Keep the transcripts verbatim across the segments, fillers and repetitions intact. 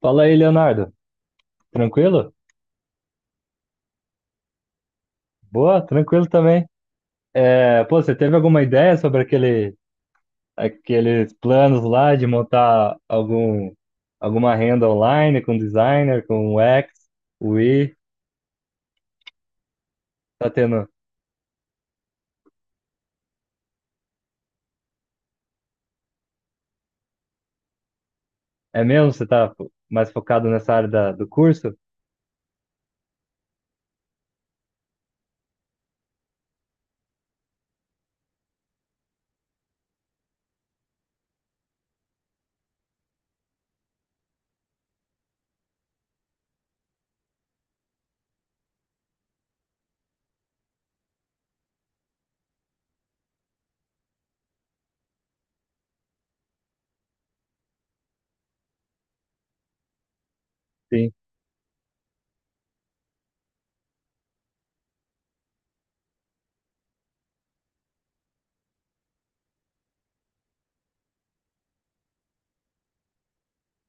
Fala aí, Leonardo. Tranquilo? Boa, tranquilo também. É, pô, você teve alguma ideia sobre aquele, aqueles planos lá de montar algum, alguma renda online com designer, com U X, U I? Tá tendo? É mesmo? Você tá fo- mais focado nessa área da- do curso? Sim.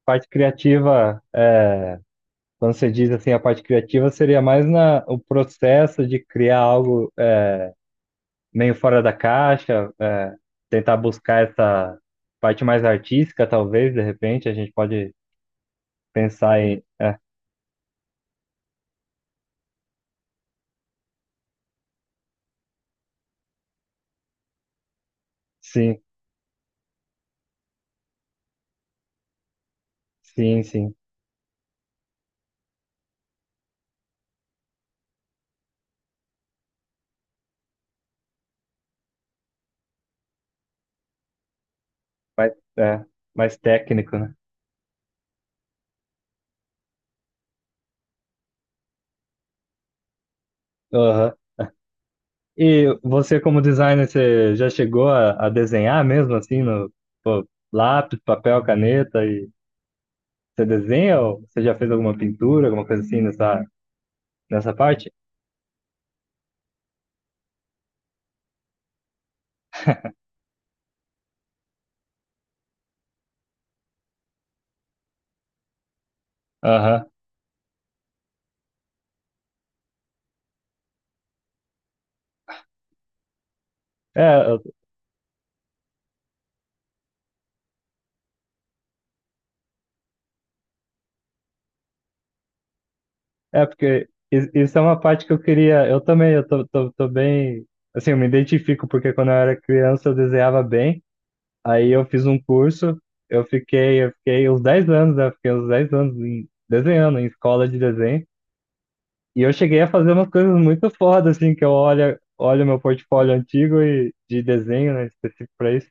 Parte criativa, é, quando você diz assim, a parte criativa seria mais na, o processo de criar algo meio fora da caixa, é, tentar buscar essa parte mais artística, talvez, de repente, a gente pode pensar em. É, sim, sim, sim. Mais, é, Mais técnico, né? Aham. E você, como designer, você já chegou a, a desenhar mesmo assim no lápis, papel, caneta? E você desenha ou você já fez alguma pintura, alguma coisa assim nessa, nessa parte? Aham. É, É, porque i- isso é uma parte que eu queria. Eu também, eu tô, tô, tô bem. Assim, eu me identifico, porque quando eu era criança eu desenhava bem. Aí eu fiz um curso, eu fiquei, eu fiquei uns dez anos, né? Fiquei uns dez anos em- desenhando, em escola de desenho. E eu cheguei a fazer umas coisas muito foda, assim, que eu olho, olho meu portfólio antigo e, de desenho, né? Específico pra isso.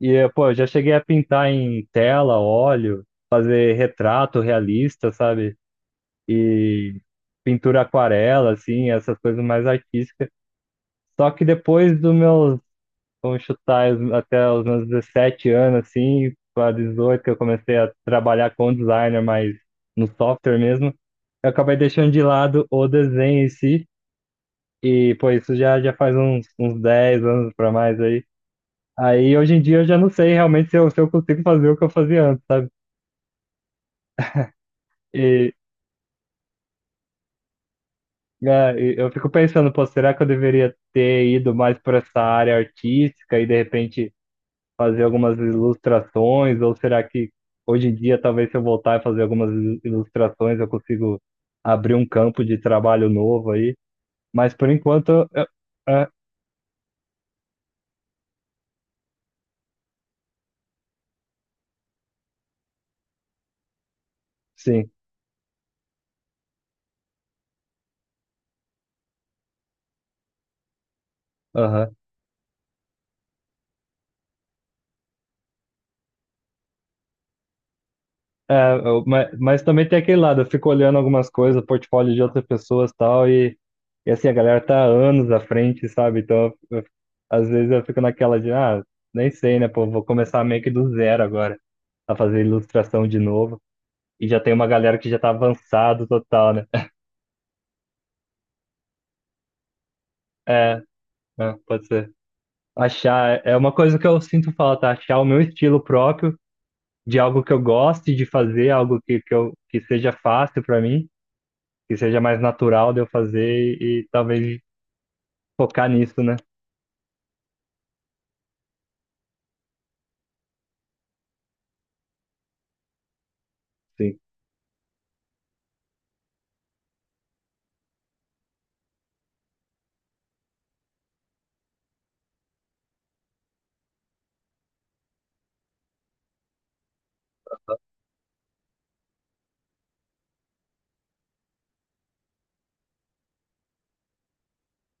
E, eh, pô, eu já cheguei a pintar em tela, óleo, fazer retrato realista, sabe? E pintura aquarela, assim, essas coisas mais artísticas. Só que depois dos meus, vamos chutar, os- até os meus dezessete anos, assim, para dezoito, que eu comecei a trabalhar com designer, mas no software mesmo, eu acabei deixando de lado o desenho em si. E, pô, isso já, já faz uns, uns dez anos para mais aí. Aí, hoje em dia, eu já não sei realmente se eu, se eu consigo fazer o que eu fazia antes, sabe? É, e eu fico pensando, pô, será que eu deveria ter ido mais para essa área artística e de repente fazer algumas ilustrações? Ou será que hoje em dia, talvez se eu voltar e fazer algumas il- ilustrações, eu consigo abrir um campo de trabalho novo aí? Mas por enquanto, eu, é, sim. Mas, mas também tem aquele lado, eu fico olhando algumas coisas, portfólio de outras pessoas e tal, e, e assim, a galera tá anos à frente, sabe? Então, eu- eu- às vezes eu fico naquela de, ah, nem sei, né, pô, vou começar meio que do zero agora, a fazer ilustração de novo, e já tem uma galera que já tá avançado total, né? É, é, pode ser. Achar, é uma coisa que eu sinto falta, achar o meu estilo próprio, de algo que eu goste de fazer, algo que, que, eu, que seja fácil pra mim, que seja mais natural de eu fazer e, e talvez focar nisso, né? Sim,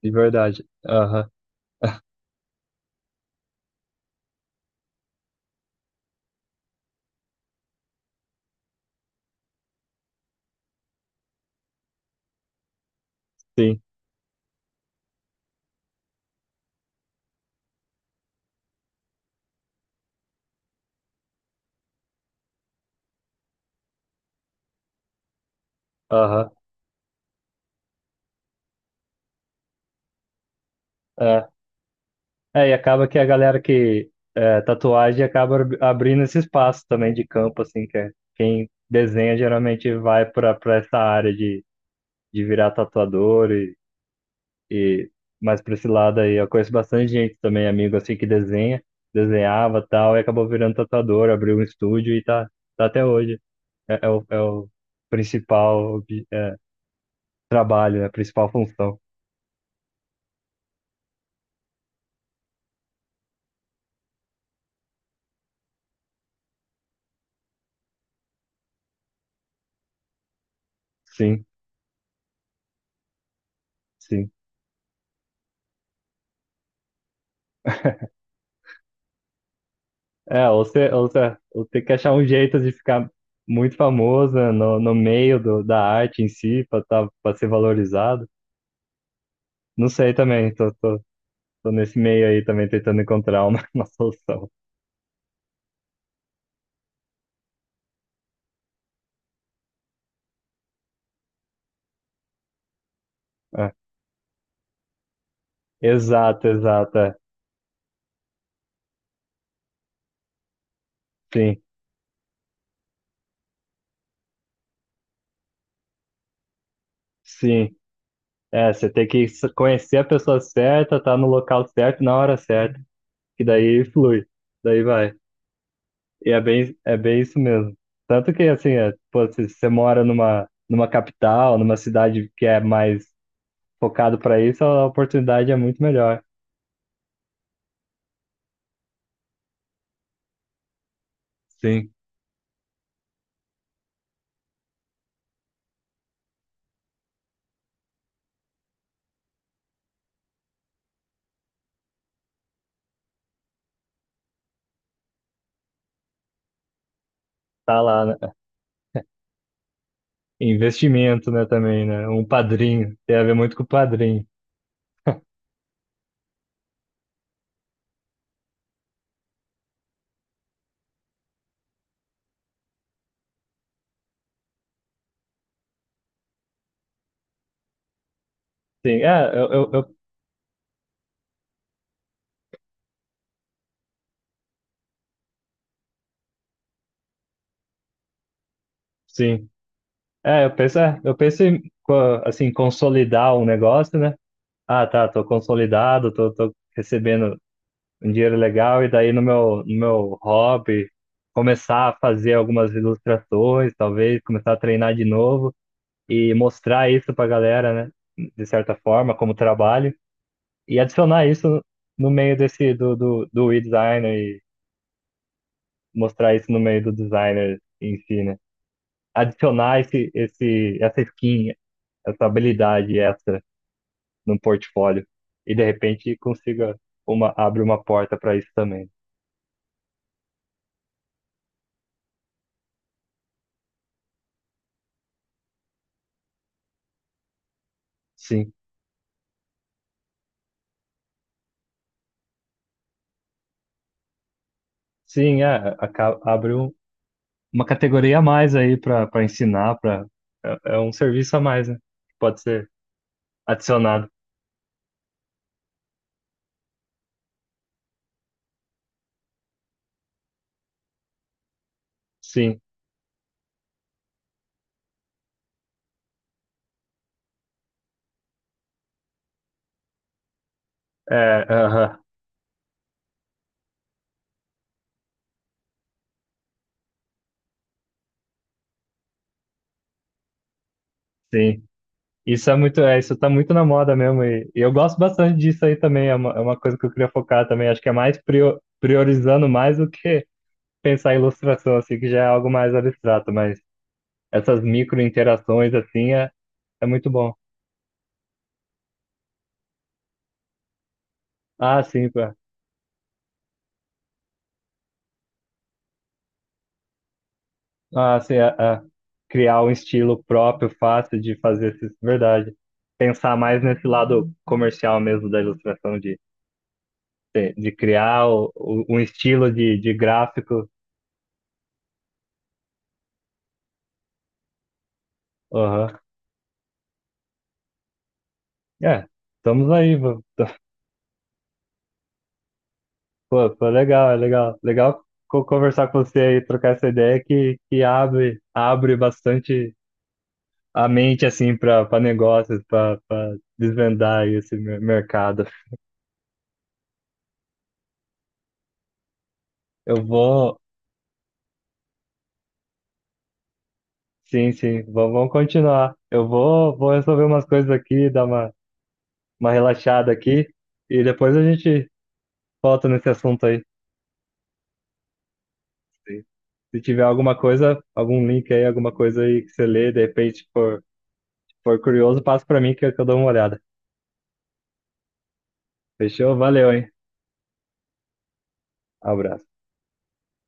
de verdade. Aham, sim, aham. É. É, e acaba que a galera que é, tatuagem acaba ab- abrindo esse espaço também de campo, assim, que é, quem desenha geralmente vai para para essa área de, de virar tatuador e, e mais para esse lado aí. Eu conheço bastante gente também, amigo, assim, que desenha, desenhava e tal, e acabou virando tatuador, abriu um estúdio e tá, tá até hoje. É, é o, é o principal trabalho, é a principal função. Sim, sim. É, ou você, ou você, ou tem que achar um jeito de ficar muito famoso, né, no, no meio do, da arte em si, para tá, para ser valorizado. Não sei também, tô, tô, tô nesse meio aí também tentando encontrar uma, uma solução. É. Exato, exato. É. Sim, sim. É, você tem que s- conhecer a pessoa certa, tá no local certo, na hora certa, que daí flui, daí vai. E é bem, é bem isso mesmo. Tanto que, assim, é, pô, se se você mora numa, numa capital, numa cidade que é mais focado para isso, a oportunidade é muito melhor. Sim, tá lá, né? Investimento, né, também, né? Um padrinho, tem a ver muito com o padrinho. Sim, é, eu, eu, eu- sim. É, eu penso, é, eu penso em, co- assim, consolidar um negócio, né? Ah, tá, tô consolidado, tô, tô recebendo um dinheiro legal e daí no meu, no meu hobby começar a fazer algumas ilustrações, talvez começar a treinar de novo e mostrar isso pra galera, né? De certa forma, como trabalho e adicionar isso no meio desse do, do, do e-designer e mostrar isso no meio do designer em si, né? Adicionar esse, esse, essa skin, essa habilidade extra no portfólio e de repente consiga uma, abre uma porta para isso também. Sim. Sim, é, aca- abre um- uma categoria a mais aí para para ensinar, para é, é um serviço a mais, né? Que pode ser adicionado. Sim, é, aham, sim. Isso é muito, é, isso tá muito na moda mesmo e, e eu gosto bastante disso aí também. É uma, é uma coisa que eu queria focar também. Acho que é mais prio- priorizando mais do que pensar em ilustração, assim, que já é algo mais abstrato, mas essas micro interações assim é, é muito bom. Ah, sim. Ah, sim, a, a criar um estilo próprio, fácil de fazer isso, verdade. Pensar mais nesse lado comercial mesmo da ilustração, de, de, de criar o, o- um estilo de, de gráfico. Aham. É, estamos aí, vô. pô, pô, legal, é legal. Legal co- conversar com você aí, trocar essa ideia que, que abre, abre bastante a mente, assim, para negócios, para desvendar esse mer- mercado. Eu vou. Sim, sim, vamos, vamos continuar. Eu vou, vou resolver umas coisas aqui, dar uma, uma relaxada aqui e depois a gente volta nesse assunto aí. Se, se tiver alguma coisa, algum link aí, alguma coisa aí que você lê, de repente for, for curioso, passa para mim que eu que eu dou uma olhada. Fechou? Valeu, hein? Abraço.